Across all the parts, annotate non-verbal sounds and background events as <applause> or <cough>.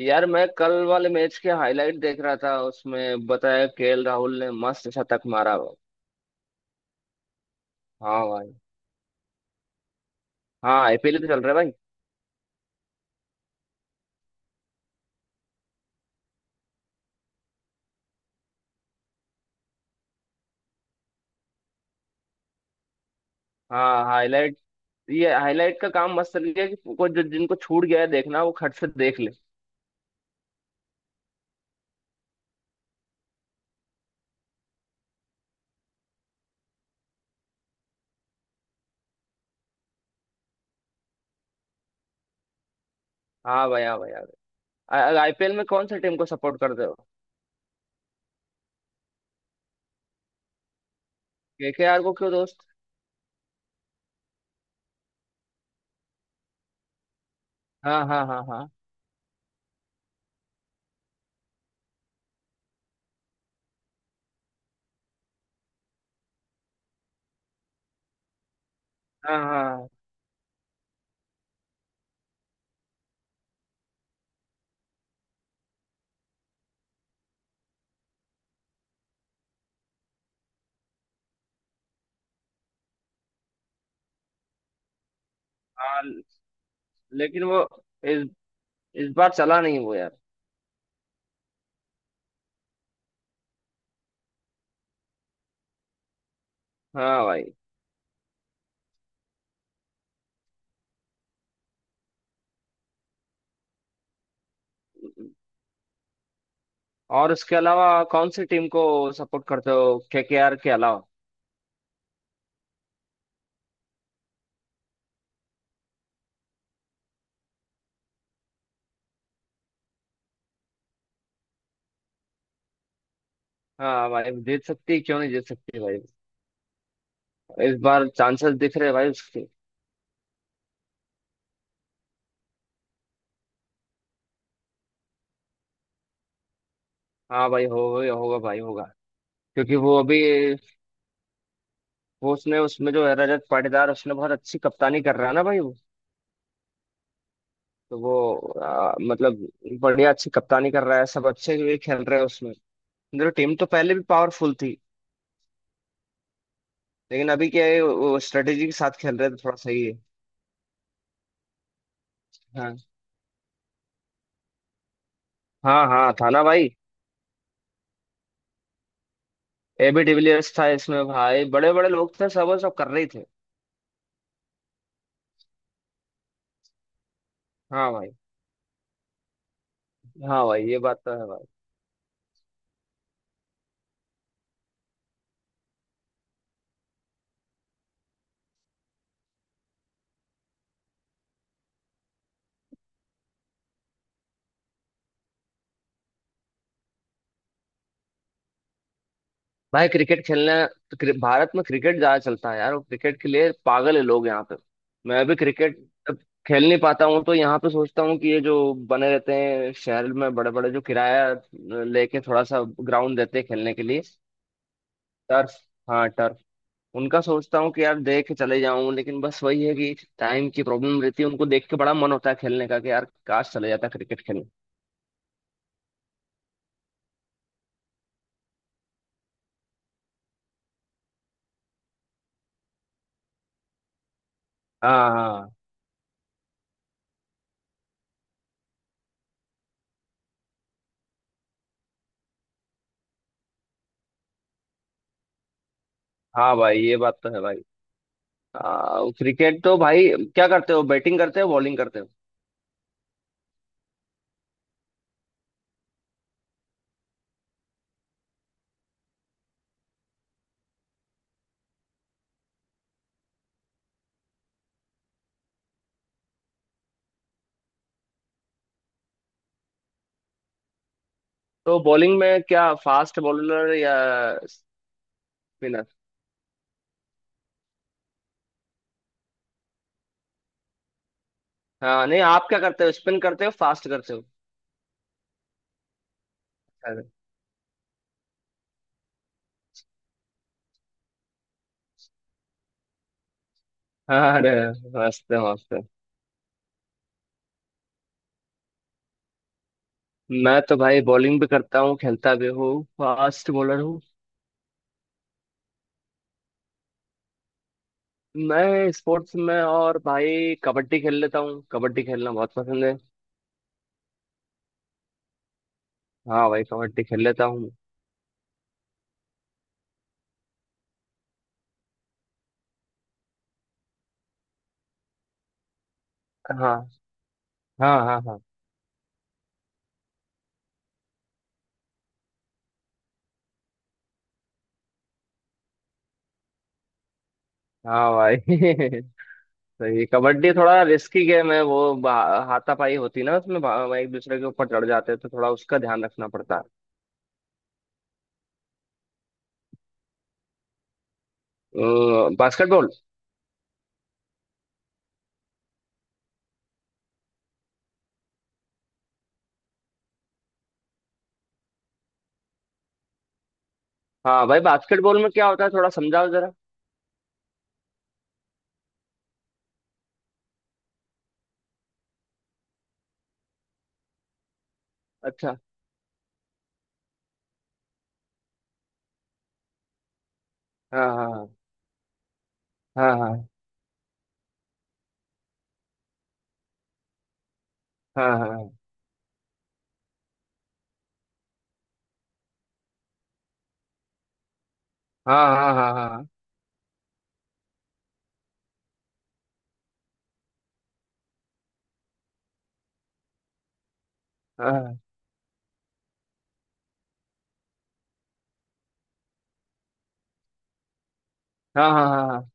यार मैं कल वाले मैच के हाईलाइट देख रहा था। उसमें बताया केएल राहुल ने मस्त शतक मारा भाई। हाँ भाई। हाँ, आईपीएल तो चल रहा है भाई। हाँ, हाईलाइट। ये हाईलाइट का काम मस्त चल गया कि को जो जिनको छूट गया है देखना वो खट से देख ले। हाँ भाई, हाँ भाई यार। आईपीएल में कौन सी टीम को सपोर्ट करते हो? केकेआर को क्यों दोस्त? हाँ हाँ हाँ हाँ। हाँ हाँ हाँ। लेकिन वो इस इस बार चला नहीं वो यार। हाँ भाई। और उसके अलावा कौन सी टीम को सपोर्ट करते हो? केकेआर के अलावा? हाँ भाई, जीत सकती है, क्यों नहीं जीत सकती भाई। इस बार चांसेस दिख रहे हैं भाई उसके। हाँ भाई, होगा होगा भाई, होगा। क्योंकि वो अभी वो उसने उसमें जो है रजत पाटीदार उसने बहुत अच्छी कप्तानी कर रहा है ना भाई वो। तो वो मतलब बढ़िया अच्छी कप्तानी कर रहा है, सब अच्छे भी खेल रहे हैं उसमें। देखो, टीम तो पहले भी पावरफुल थी, लेकिन अभी क्या है वो स्ट्रेटेजी के साथ खेल रहे हैं तो थोड़ा सही है। हाँ हाँ, हाँ था ना भाई। ए बी डिविलियर्स था इसमें भाई, बड़े बड़े लोग थे सब, वो सब कर रहे ही थे। हाँ भाई, हाँ भाई, ये बात तो है भाई। भाई क्रिकेट खेलना तो भारत में क्रिकेट ज्यादा चलता है यार, और क्रिकेट के लिए पागल है लोग यहाँ पे। मैं भी क्रिकेट जब खेल नहीं पाता हूँ तो यहाँ पे सोचता हूँ कि ये जो बने रहते हैं शहर में बड़े बड़े जो किराया लेके थोड़ा सा ग्राउंड देते हैं खेलने के लिए। टर्फ। हाँ, टर्फ। उनका सोचता हूँ कि यार देख के चले जाऊं, लेकिन बस वही है कि टाइम की प्रॉब्लम रहती है। उनको देख के बड़ा मन होता है खेलने का कि यार काश चले जाता क्रिकेट खेलने। हाँ हाँ। हाँ भाई, ये बात तो है भाई। क्रिकेट तो भाई, क्या करते हो, बैटिंग करते हो, बॉलिंग करते हो? तो बॉलिंग में क्या, फास्ट बॉलर या स्पिनर? हाँ, नहीं, आप क्या करते हो, स्पिन करते हो फास्ट करते हो? अरे। हाँ, अरे, मस्त है मस्त है। मैं तो भाई बॉलिंग भी करता हूँ, खेलता भी हूँ, फास्ट बॉलर हूँ। मैं स्पोर्ट्स में और भाई कबड्डी खेल लेता हूँ, कबड्डी खेलना बहुत पसंद है। हाँ भाई, कबड्डी खेल लेता हूँ। हाँ हाँ हाँ हाँ। हाँ भाई। <laughs> सही, कबड्डी थोड़ा रिस्की गेम है वो। हाथापाई होती ना उसमें, एक दूसरे के ऊपर चढ़ जाते हैं तो थोड़ा उसका ध्यान रखना पड़ता है। बास्केटबॉल। हाँ भाई, बास्केटबॉल में क्या होता है थोड़ा समझाओ जरा। अच्छा। हाँ हाँ हाँ हाँ हाँ हाँ हाँ हाँ हाँ हाँ हाँ हाँ हाँ हाँ हाँ, हाँ।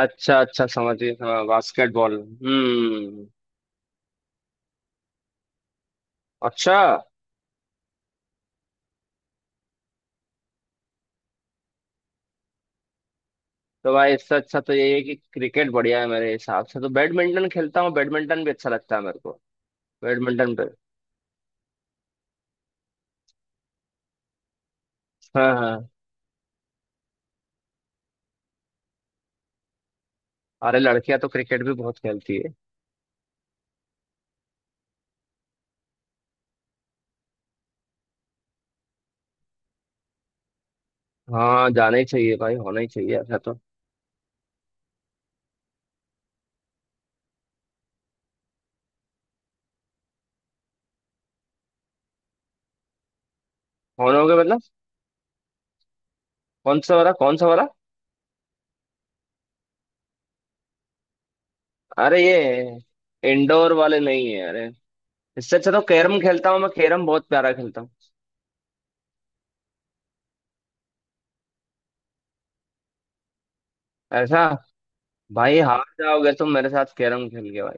अच्छा अच्छा, समझिए, हाँ बास्केटबॉल। हम्म। अच्छा। तो भाई इससे अच्छा तो ये है कि क्रिकेट बढ़िया है मेरे हिसाब से, तो बैडमिंटन खेलता हूँ, बैडमिंटन भी अच्छा लगता है मेरे को। बैडमिंटन पे। हाँ हाँ। अरे लड़कियां तो क्रिकेट भी बहुत खेलती है। हाँ, जाना ही चाहिए भाई, होना ही चाहिए ऐसा तो। होना होगा मतलब। कौन सा वाला, कौन सा वाला? अरे ये इंडोर वाले नहीं है? अरे इससे अच्छा तो कैरम खेलता हूँ मैं, कैरम बहुत प्यारा खेलता हूँ। ऐसा। भाई हार जाओगे तुम मेरे साथ कैरम खेल के भाई।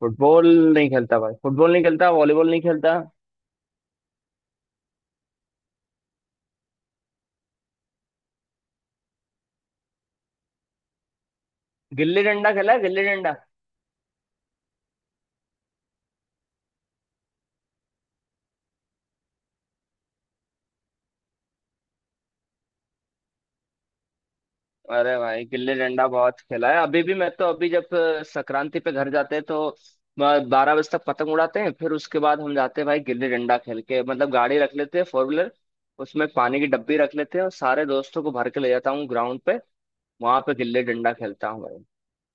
फुटबॉल। नहीं खेलता भाई फुटबॉल, नहीं खेलता वॉलीबॉल, नहीं खेलता। गिल्ली डंडा खेला है, गिल्ली डंडा। अरे भाई गिल्ली डंडा बहुत खेला है, अभी भी मैं तो। अभी जब संक्रांति पे घर जाते हैं तो 12 बजे तक पतंग उड़ाते हैं, फिर उसके बाद हम जाते हैं भाई गिल्ली डंडा खेल के। मतलब गाड़ी रख लेते हैं फोर व्हीलर, उसमें पानी की डब्बी रख लेते हैं और सारे दोस्तों को भर के ले जाता हूँ ग्राउंड पे। वहां पे गिल्ले डंडा खेलता हूँ भाई।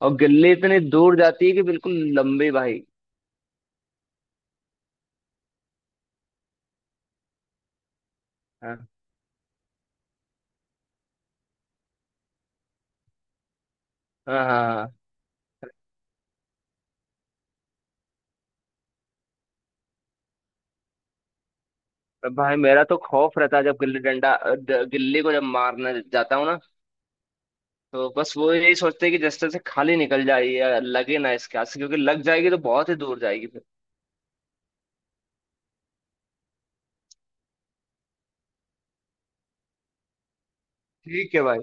और गिल्ले इतने दूर जाती है कि बिल्कुल लंबे भाई। हाँ हाँ हाँ हाँ। तो भाई मेरा तो खौफ रहता है, जब गिल्ली डंडा गिल्ले को जब मारने जाता हूँ ना, तो बस वो यही सोचते हैं कि जस्ते से खाली निकल जाए या लगे ना इसके हाथ से, क्योंकि लग जाएगी तो बहुत ही दूर जाएगी फिर। ठीक है भाई।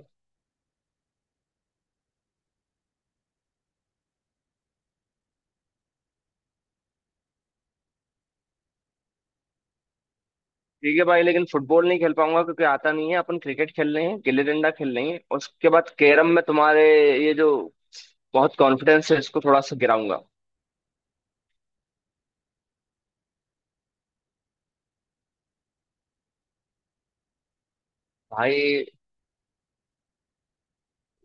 ठीक है भाई, लेकिन फुटबॉल नहीं खेल पाऊंगा क्योंकि आता नहीं है। अपन क्रिकेट खेल रहे हैं, गिल्ली डंडा खेल रहे हैं, उसके बाद कैरम में तुम्हारे ये जो बहुत कॉन्फिडेंस है इसको थोड़ा सा गिराऊंगा भाई।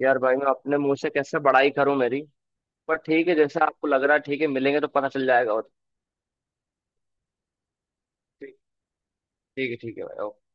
यार भाई मैं अपने मुंह से कैसे बड़ाई करूं मेरी, पर ठीक है जैसा आपको लग रहा है, ठीक है मिलेंगे तो पता चल जाएगा। और ठीक, ठीक है भाई, ओके।